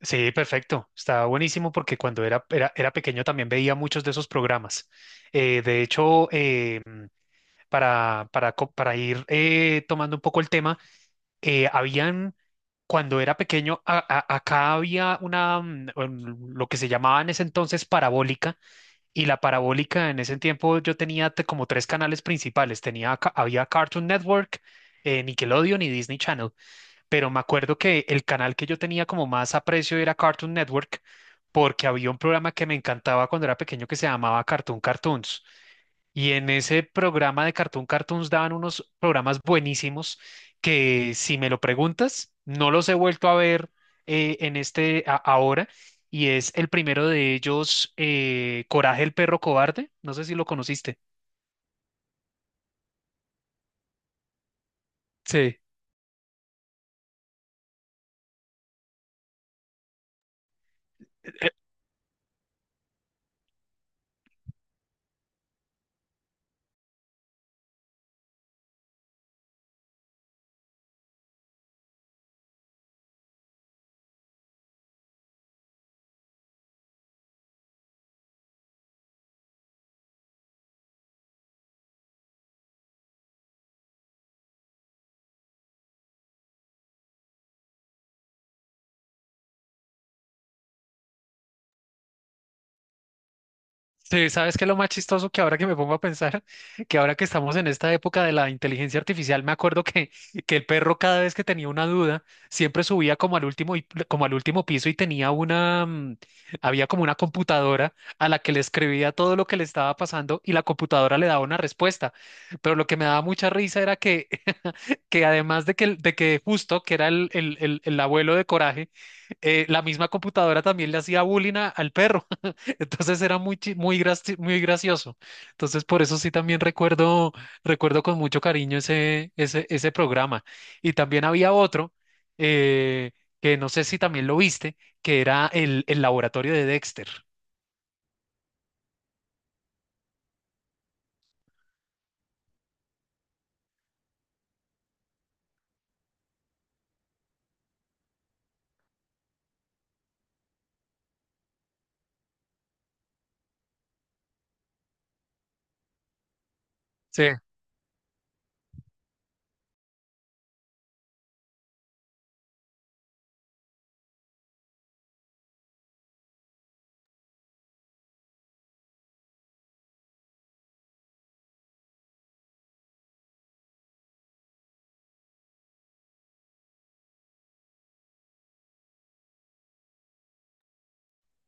Sí, perfecto. Estaba buenísimo porque cuando era pequeño también veía muchos de esos programas. De hecho, para ir tomando un poco el tema, eh, habían, cuando era pequeño, acá había lo que se llamaba en ese entonces parabólica, y la parabólica en ese tiempo yo tenía como 3 canales principales. Había Cartoon Network, Nickelodeon y Disney Channel, pero me acuerdo que el canal que yo tenía como más aprecio era Cartoon Network, porque había un programa que me encantaba cuando era pequeño que se llamaba Cartoon Cartoons. Y en ese programa de Cartoon Cartoons daban unos programas buenísimos que, si me lo preguntas, no los he vuelto a ver en ahora. Y es el primero de ellos, Coraje el perro cobarde. No sé si lo conociste. Sí. Sí, ¿sabes qué es lo más chistoso que ahora que me pongo a pensar? Que ahora que estamos en esta época de la inteligencia artificial, me acuerdo que, que el perro cada vez que tenía una duda, siempre subía como al como al último piso y tenía había como una computadora a la que le escribía todo lo que le estaba pasando y la computadora le daba una respuesta. Pero lo que me daba mucha risa era que, que además de de que justo, que era el abuelo de Coraje, la misma computadora también le hacía bullying al perro. Entonces era muy gracioso. Entonces por eso sí también recuerdo, recuerdo con mucho cariño ese programa. Y también había otro eh, que no sé si también lo viste, que era el laboratorio de Dexter. Sí.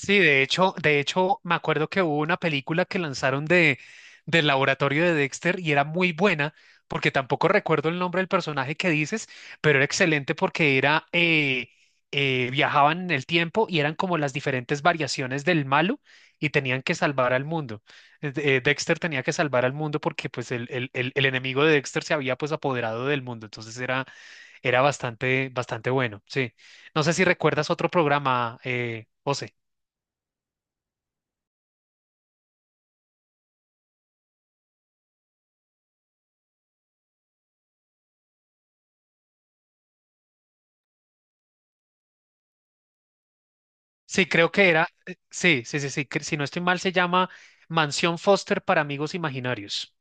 Sí, de hecho, me acuerdo que hubo una película que lanzaron de del laboratorio de Dexter y era muy buena, porque tampoco recuerdo el nombre del personaje que dices, pero era excelente porque era viajaban en el tiempo y eran como las diferentes variaciones del malo y tenían que salvar al mundo. Dexter tenía que salvar al mundo porque pues el enemigo de Dexter se había pues apoderado del mundo, entonces era bastante, bastante bueno, sí. No sé si recuerdas otro programa, José. Sí, creo que era, que si no estoy mal se llama Mansión Foster para amigos imaginarios.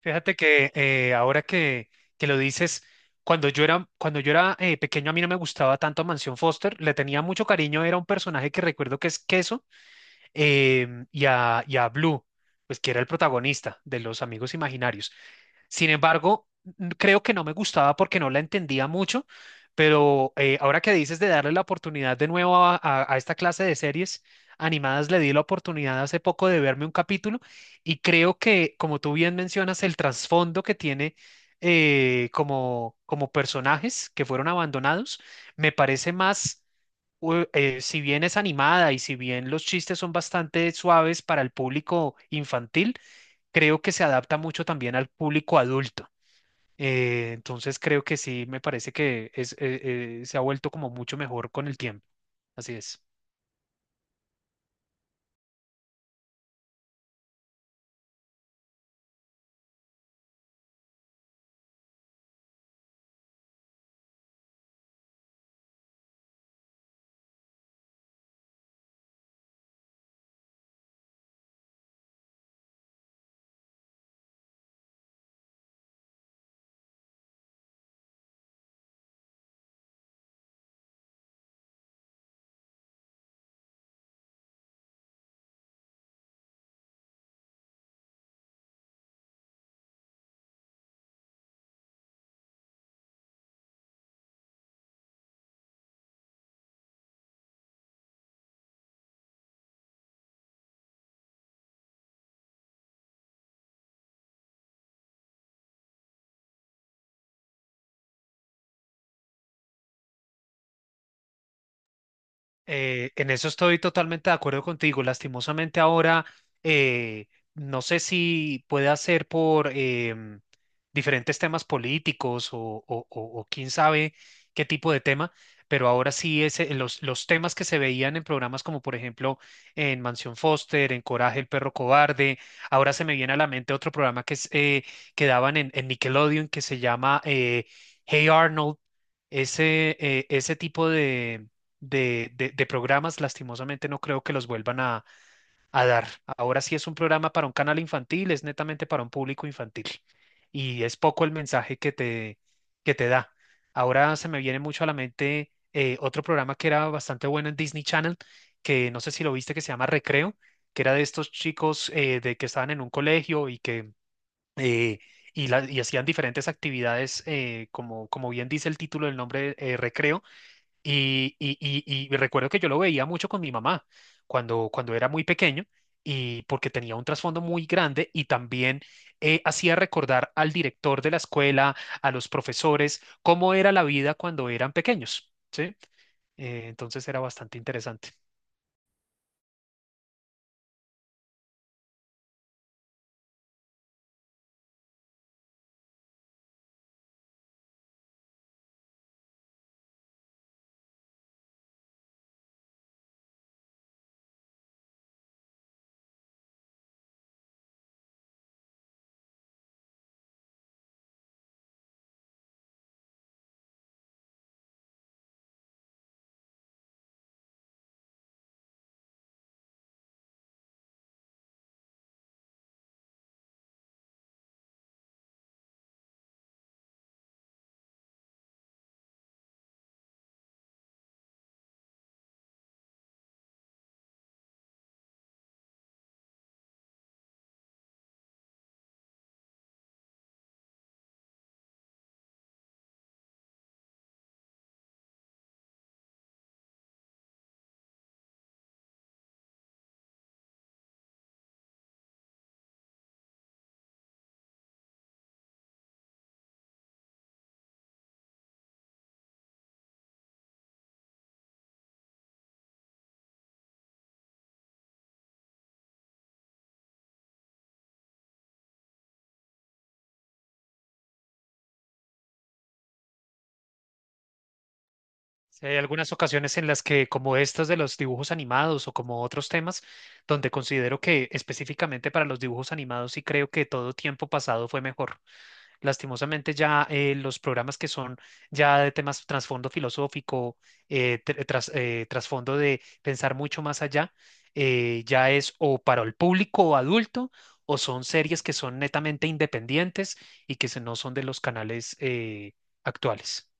Fíjate que ahora que lo dices, cuando yo era pequeño a mí no me gustaba tanto Mansión Foster, le tenía mucho cariño, era un personaje que recuerdo que es Queso, y a Blue, pues que era el protagonista de los amigos imaginarios. Sin embargo, creo que no me gustaba porque no la entendía mucho, pero ahora que dices de darle la oportunidad de nuevo a, a esta clase de series animadas, le di la oportunidad hace poco de verme un capítulo y creo que, como tú bien mencionas, el trasfondo que tiene como, como personajes que fueron abandonados, me parece más si bien es animada y si bien los chistes son bastante suaves para el público infantil, creo que se adapta mucho también al público adulto. Entonces creo que sí, me parece que es se ha vuelto como mucho mejor con el tiempo. Así es. En eso estoy totalmente de acuerdo contigo. Lastimosamente ahora, eh, no sé si puede ser por em, diferentes temas políticos o o quién sabe qué tipo de tema, pero ahora sí es, los temas que se veían en programas como por ejemplo en Mansión Foster, en Coraje, el perro cobarde. Ahora se me viene a la mente otro programa que daban en Nickelodeon que se llama Hey Arnold. Ese, ese tipo de, de programas, lastimosamente no creo que los vuelvan a dar. Ahora sí es un programa para un canal infantil, es netamente para un público infantil y es poco el mensaje que te da. Ahora se me viene mucho a la mente otro programa que era bastante bueno en Disney Channel, que no sé si lo viste, que se llama Recreo, que era de estos chicos de que estaban en un colegio eh, Y y hacían diferentes actividades, como, como bien dice el título del nombre, recreo, y recuerdo que yo lo veía mucho con mi mamá cuando, cuando era muy pequeño y porque tenía un trasfondo muy grande y también hacía recordar al director de la escuela, a los profesores, cómo era la vida cuando eran pequeños, ¿sí? Entonces era bastante interesante. Sí, hay algunas ocasiones en las que, como estas de los dibujos animados o como otros temas, donde considero que específicamente para los dibujos animados sí creo que todo tiempo pasado fue mejor. Lastimosamente ya los programas que son ya de temas trasfondo filosófico, trasfondo de pensar mucho más allá, ya es o para el público adulto o son series que son netamente independientes y que no son de los canales actuales.